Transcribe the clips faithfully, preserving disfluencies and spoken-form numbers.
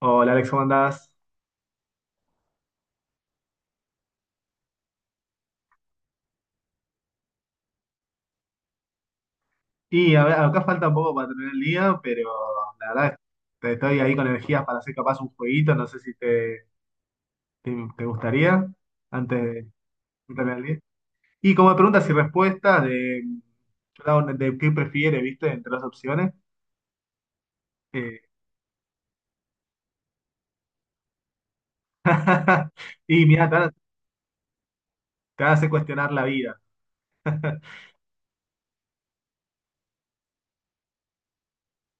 Hola Alex, ¿cómo andás? Y a ver, acá falta un poco para terminar el día, pero la verdad es que estoy ahí con energías para hacer capaz un jueguito, no sé si te, te, te gustaría antes de terminar el día. Y como preguntas y respuestas de, yo la- de qué prefieres, ¿viste? Entre las opciones. eh, y mira, te, van a- te van a hacer cuestionar la vida.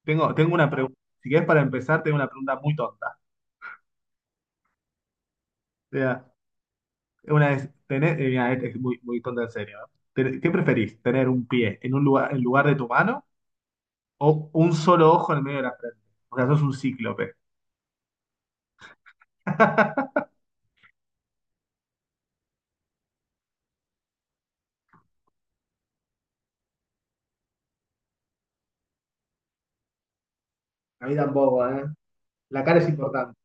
Tengo, tengo una pregunta, si querés para empezar, tengo una pregunta muy tonta. Una vez, tener, eh, mira, Este es muy, muy tonta en serio, ¿no? Ten- ¿Qué preferís? ¿Tener un pie en un lugar, en lugar de tu mano, o un solo ojo en el medio de la frente? O sea, sos un cíclope. A mí tampoco, ¿eh? La cara es importante.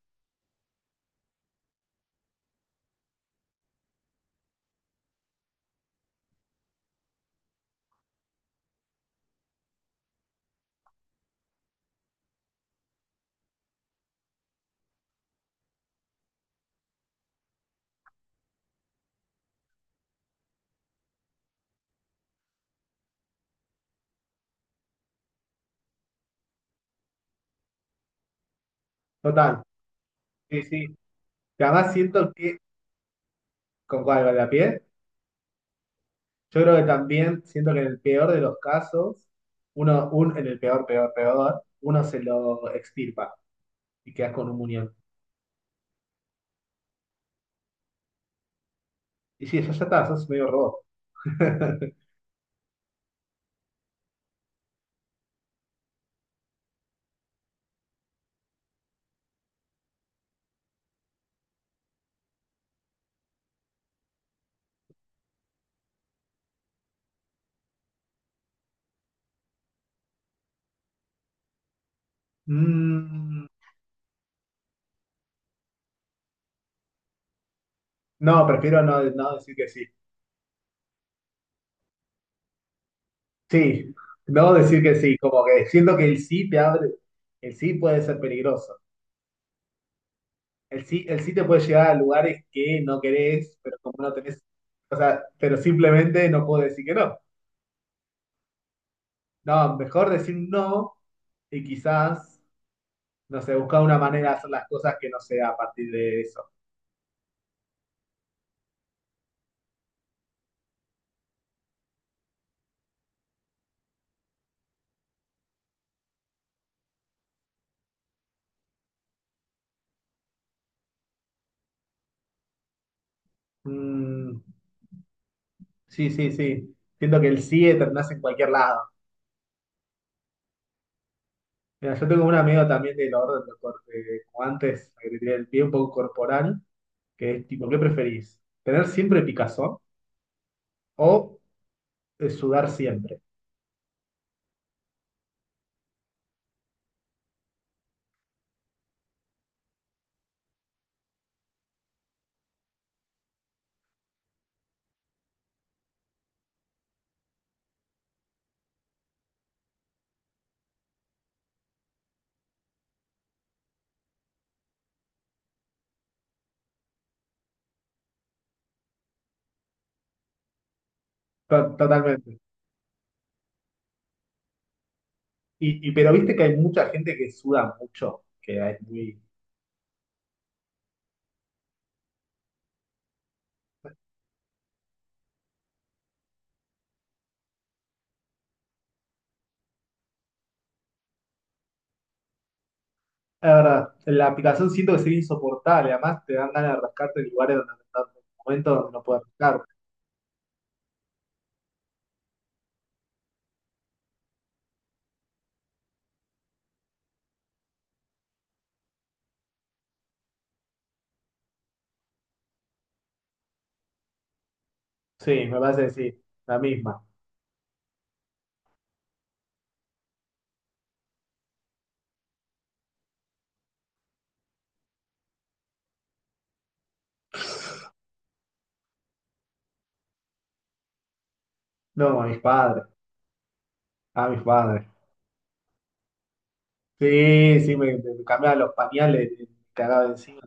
Total. Sí, sí. Que además siento que, ¿con cuál? ¿Con la piel? Yo creo que también siento que en el peor de los casos, uno, un, en el peor, peor, peor, uno se lo extirpa y quedas con un muñón. Y sí, ya, ya está, sos medio robot. Mm, no, prefiero no, no decir que sí. Sí, no decir que sí, como que siento que el sí te abre, el sí puede ser peligroso. El sí, el sí te puede llevar a lugares que no querés, pero como no tenés, o sea, pero simplemente no puedo decir que no. No, mejor decir no y quizás, no sé, buscar una manera de hacer las cosas que no sea a partir de eso. Mm, sí, sí, sí. Siento que el sí terminás en cualquier lado. Mira, yo tengo un amigo también del orden, de cor- de- como antes, que tenía el pie un poco corporal. Que es tipo, ¿qué preferís? ¿Tener siempre picazón o eh, sudar siempre? To- totalmente. Y, y- pero viste que hay mucha gente que suda mucho, que es muy... La verdad, la picazón siento que sería insoportable, además te dan ganas de rascarte en lugares donde no estás, en momentos donde no puedes rascar. Sí, me parece que sí, la misma. No, a mis padres, a mis padres. Sí, sí, me, me cambiaban los pañales, me cagaba encima.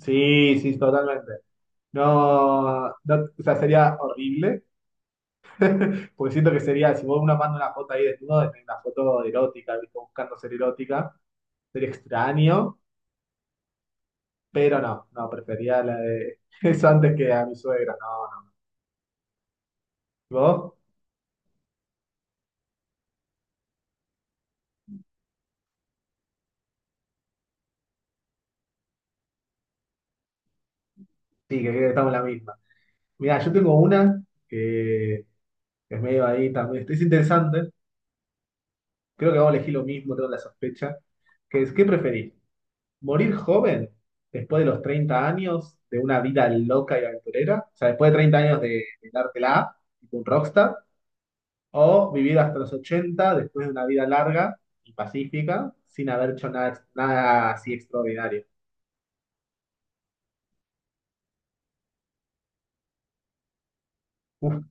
Sí, sí, totalmente. No, no, o sea, sería horrible. Porque siento que sería, si vos una manda una foto ahí desnudo, de una foto erótica, ¿viste? Buscando ser erótica, sería extraño, pero no, no, prefería la de eso antes que a mi suegra, no. No. ¿Y ¿vos? Sí, que creo que estamos en la misma. Mira, yo tengo una que es medio ahí también, es interesante, creo que vamos a elegir lo mismo, tengo la sospecha, que es, ¿qué preferís? ¿Morir joven después de los treinta años de una vida loca y aventurera? O sea, después de treinta años de, de dártela, tipo un rockstar. O vivir hasta los ochenta, después de una vida larga y pacífica sin haber hecho nada, nada así extraordinario. Uf,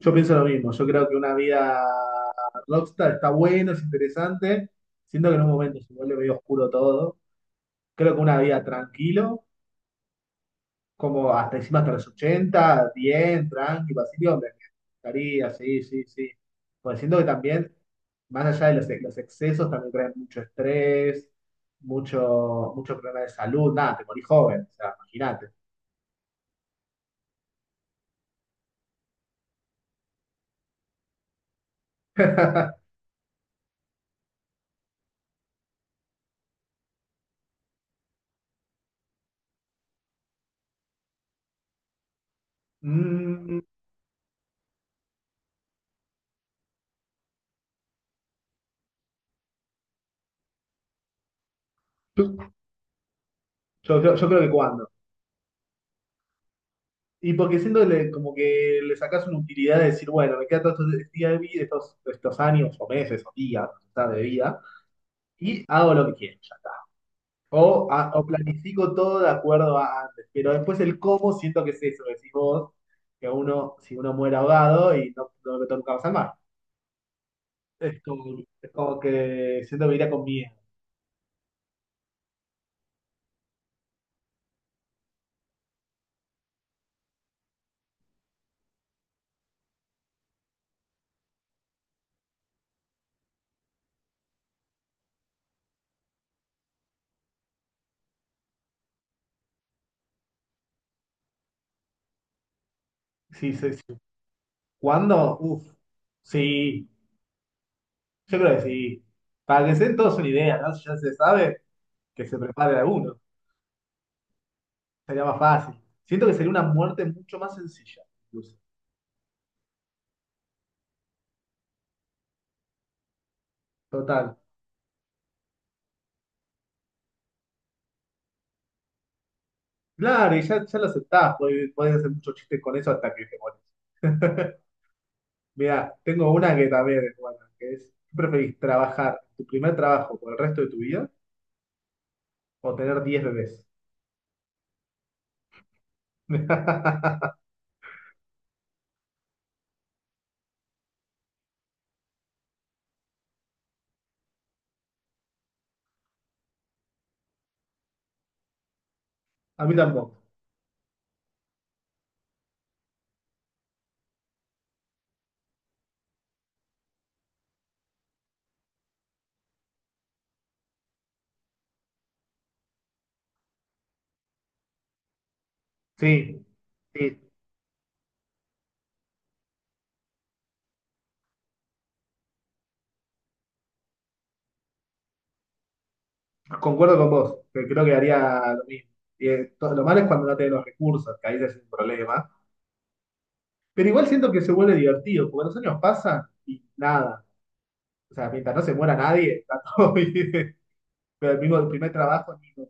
yo pienso lo mismo, yo creo que una vida rockstar está bueno, es interesante. Siento que en un momento se vuelve medio oscuro todo. Creo que una vida tranquilo como hasta encima hasta los ochenta, bien, tranqui, vacío, me estaría, sí, sí, sí. Pues siento que también, más allá de los, ex- los excesos, también traen mucho estrés, mucho, mucho problema de salud, nada, te morí joven, o sea, imagínate. Mm, yo, yo creo yo creo que cuando. Y porque siento que le- como que le sacas una utilidad de decir, bueno, me queda todo este día de vida, estos, estos años o meses o días, o sea, de vida, y hago lo que quiero. O, a- o planifico todo de acuerdo a antes, pero después el cómo siento que es eso, que decís vos, que uno, si uno muere ahogado y no, no me meto nunca más al mar. Es como, es como que siento que iría con miedo. Sí, sí, sí. ¿Cuándo? Uf, sí, yo creo que sí. Para que se den todos una idea, ¿no? Si ya se sabe, que se prepare alguno, sería más fácil. Siento que sería una muerte mucho más sencilla, incluso. Total. Claro, y ya, ya lo aceptás, podés, podés hacer muchos chistes con eso hasta que te morís. Mira, tengo una que también es buena, que es, ¿qué preferís, trabajar tu primer trabajo por el resto de tu vida o tener diez bebés? A mí tampoco. Sí, sí, concuerdo con vos, que creo que haría lo mismo. Y, eh, to- lo malo es cuando no tenés los recursos, que ahí ya es un problema. Pero igual siento que se vuelve divertido, porque los años pasan y nada. O sea, mientras no se muera nadie, está todo bien. Pero el mismo el primer trabajo, ni- lo-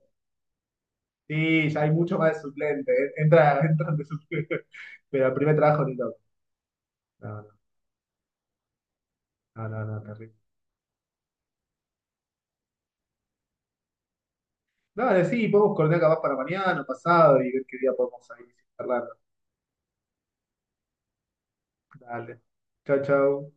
sí, ya hay mucho más de suplente, eh. Entra, entran de suplente. Pero el primer trabajo ni loco. No, no. No, no, no, terrible. Dale, sí, podemos coordinar capaz para mañana o pasado y ver qué día podemos salir. Sin charlar. Dale. Chau, chau.